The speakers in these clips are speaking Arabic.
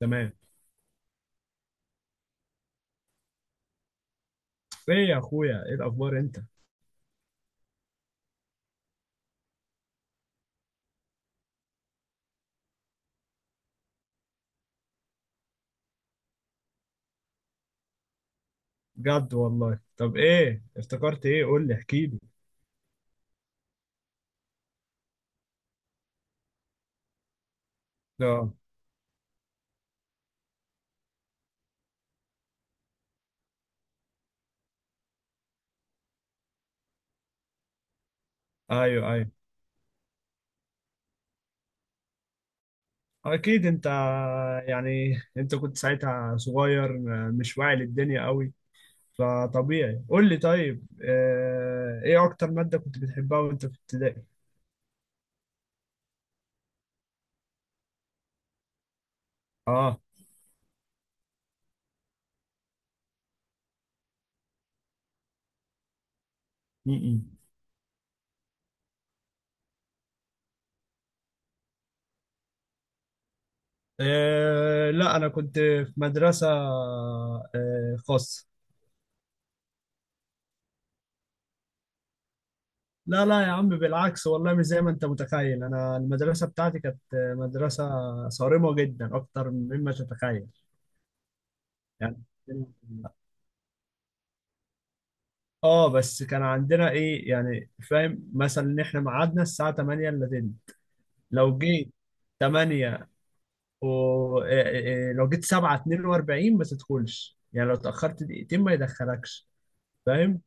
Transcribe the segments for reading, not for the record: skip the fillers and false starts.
تمام. ايه يا اخويا؟ ايه الاخبار انت؟ بجد والله. طب ايه افتكرت؟ ايه؟ قول لي، احكي لي. اه. ايوه، ايوه، اكيد. انت يعني، انت كنت ساعتها صغير، مش واعي للدنيا قوي، فطبيعي. قول لي طيب. ايه اكتر مادة كنت بتحبها وانت في ابتدائي؟ اه. م-م. لا، انا كنت في مدرسة خاصة. لا، لا يا عم، بالعكس والله. مش زي ما انت متخيل، انا المدرسه بتاعتي كانت مدرسه صارمه جدا اكتر مما تتخيل. يعني اه، بس كان عندنا ايه يعني، فاهم، مثلا ان احنا ميعادنا الساعه 8 الا تلت. لو جيت 8 و إيه إيه إيه، لو جيت 7:42 ما تدخلش، يعني لو اتاخرت دقيقتين ما يدخلكش. فاهم؟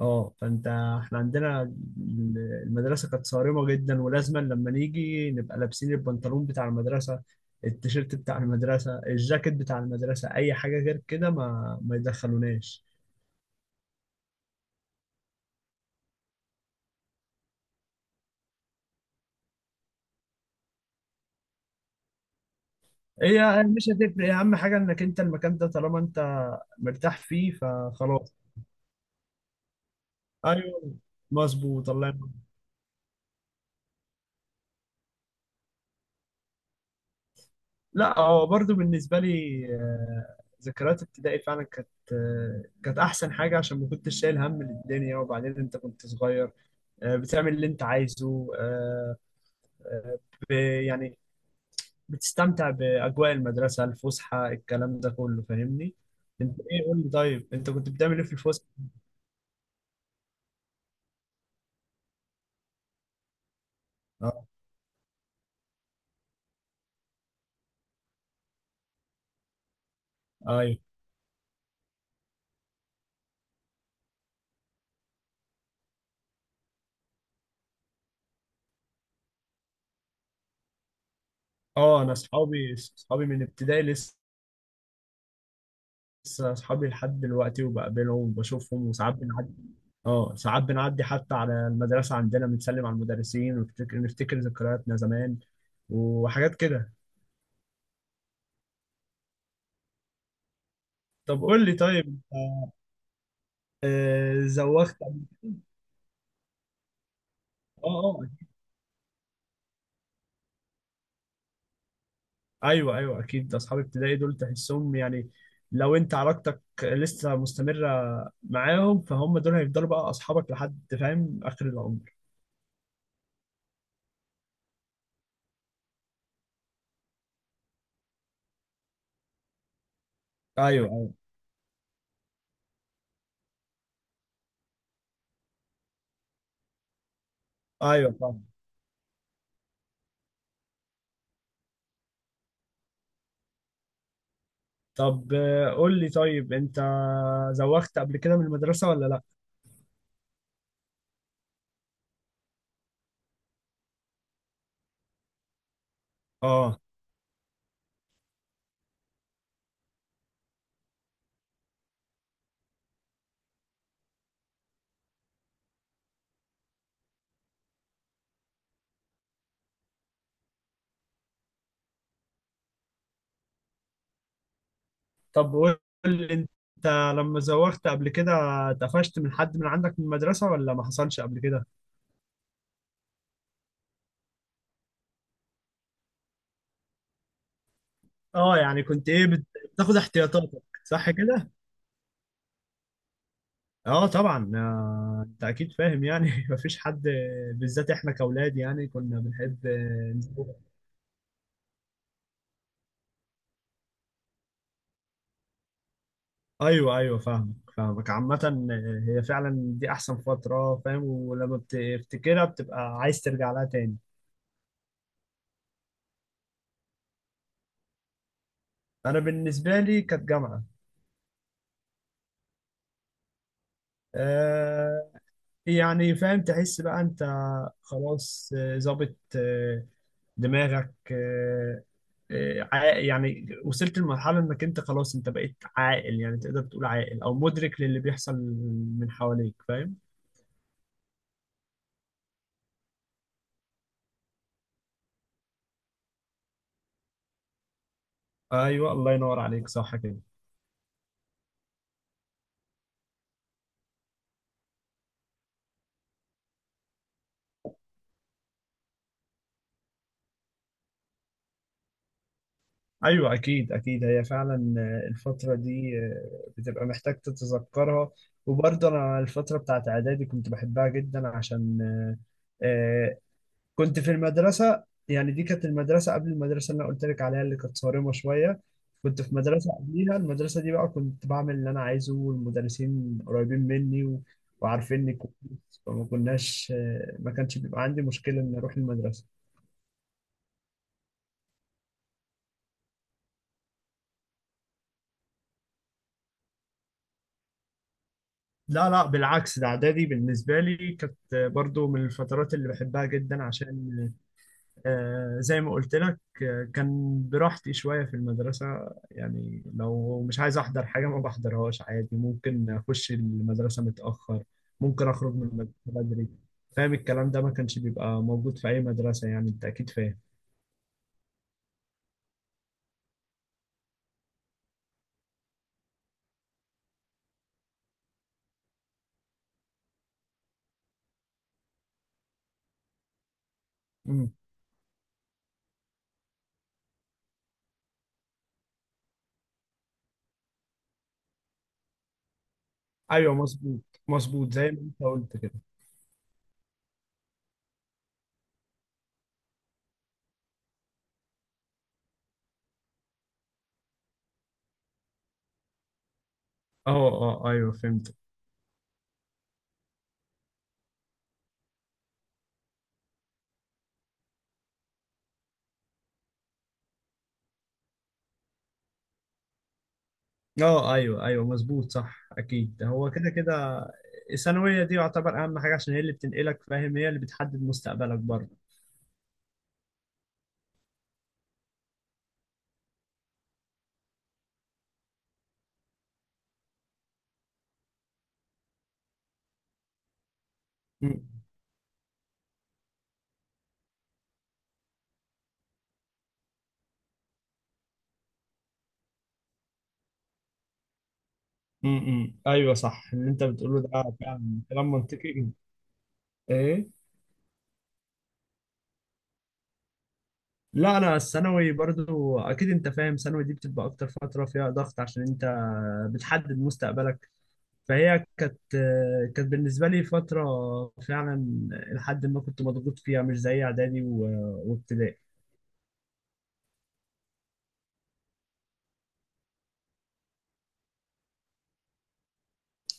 اه، فانت احنا عندنا المدرسه كانت صارمه جدا، ولازما لما نيجي نبقى لابسين البنطلون بتاع المدرسه، التيشيرت بتاع المدرسه، الجاكيت بتاع المدرسه، اي حاجه غير كده ما يدخلوناش. هي مش هتفرق، اهم حاجه انك انت المكان ده طالما انت مرتاح فيه فخلاص. ايوه، مظبوط، الله. لا، هو برضو بالنسبة لي ذكريات ابتدائي فعلا كانت أحسن حاجة، عشان ما كنتش شايل هم للدنيا، وبعدين أنت كنت صغير، بتعمل اللي أنت عايزه. آه، ب- يعني بتستمتع بأجواء المدرسة، الفسحة، الكلام ده كله. فاهمني؟ أنت إيه؟ قول لي طيب، أنت كنت بتعمل إيه في الفسحة؟ أه، أيوه. أه، أنا أصحابي من ابتدائي لسه. أصحابي لحد دلوقتي، وبقابلهم وبشوفهم، وساعات بنعدي. اه، ساعات بنعدي حتى على المدرسة عندنا، بنسلم على المدرسين ونفتكر نفتكر ذكرياتنا زمان وحاجات كده. طب قول لي طيب. آه، زوغت قبل- اه، اه. ايوه، ايوه، اكيد. اصحاب ابتدائي دول تحسهم يعني، لو انت علاقتك لسه مستمرة معاهم، فهم دول هيفضلوا بقى اصحابك لحد، فاهم، اخر العمر. ايوه، ايوه، ايوه، طبعا. طب قول لي طيب، انت زوغت قبل كده من المدرسة ولا لا؟ اه. طب قول لي انت، لما زوغت قبل كده اتقفشت من حد من عندك من المدرسة ولا ما حصلش قبل كده؟ اه، يعني كنت ايه، بتاخد احتياطاتك صح كده؟ اه، طبعا. انت اكيد فاهم يعني مفيش حد، بالذات احنا كاولاد يعني كنا بنحب نزوغ. ايوه، ايوه، فاهمك فاهمك عامة. هي فعلا دي احسن فترة، فاهم، ولما بتفتكرها بتبقى عايز ترجع لها تاني. انا بالنسبة لي كانت جامعة. آه، يعني فاهم، تحس بقى انت خلاص، ظابط دماغك. يعني وصلت لمرحلة انك انت خلاص، انت بقيت عاقل، يعني تقدر تقول عاقل او مدرك للي بيحصل من حواليك، فاهم. ايوه، الله ينور عليك، صح كده. ايوه، اكيد، اكيد، هي فعلا الفترة دي بتبقى محتاج تتذكرها. وبرضه انا الفترة بتاعت اعدادي كنت بحبها جدا، عشان آه، آه، كنت في المدرسة، يعني دي كانت المدرسة قبل المدرسة اللي أنا قلت لك عليها اللي كانت صارمة شوية. كنت في مدرسة قبليها، المدرسة دي بقى كنت بعمل اللي أنا عايزه، والمدرسين قريبين مني وعارفيني كويس. فما كناش ما كانش بيبقى عندي مشكلة إن أروح المدرسة. لا، لا، بالعكس. ده إعدادي بالنسبة لي كانت برضو من الفترات اللي بحبها جدا، عشان زي ما قلت لك، كان براحتي شوية في المدرسة. يعني لو مش عايز أحضر حاجة ما بحضرهاش عادي، ممكن أخش المدرسة متأخر، ممكن أخرج من المدرسة بدري. فاهم الكلام ده، ما كانش بيبقى موجود في أي مدرسة، يعني أنت أكيد فاهم. مم. أيوه، مظبوط. مظبوط زي ما أنت قلت كده. أه، أه، أيوه فهمت. أه، أيوه، أيوه، مظبوط، صح، أكيد هو كده كده. الثانوية دي يعتبر أهم حاجة، عشان هي اللي بتنقلك، فاهم، هي اللي بتحدد مستقبلك برضه. امم، ايوه، صح اللي انت بتقوله ده. فعلا كلام منطقي. ايه. لا، انا الثانوي برضو، اكيد انت فاهم، ثانوي دي بتبقى اكتر فتره فيها ضغط، عشان انت بتحدد مستقبلك. فهي كانت بالنسبه لي فتره فعلا، لحد ما كنت مضغوط فيها، مش زي اعدادي وابتدائي.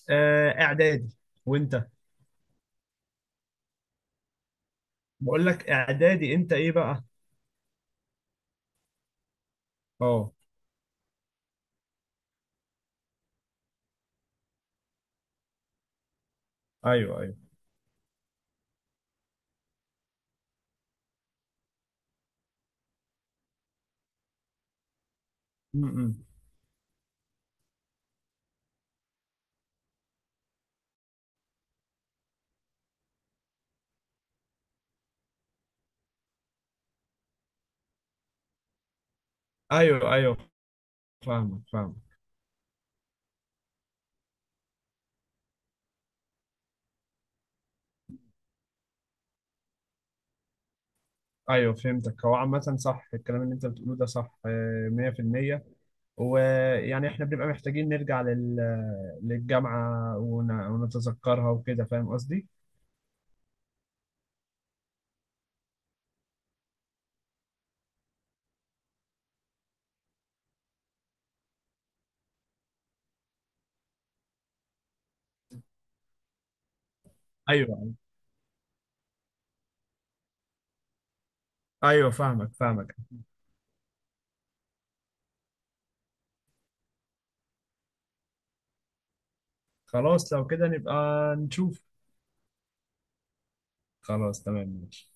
اعدادي وانت. بقول لك اعدادي. انت ايه بقى؟ اه، ايوه، ايوه. امم، ايوه، ايوه، فاهمك فاهمك. ايوه، فهمتك. هو عامة صح الكلام اللي انت بتقوله ده، صح، 100%. ويعني احنا بنبقى محتاجين نرجع للجامعة ونتذكرها وكده، فاهم قصدي؟ ايوه، ايوه، فاهمك فاهمك. خلاص، لو كده نبقى نشوف. خلاص، تمام، ماشي.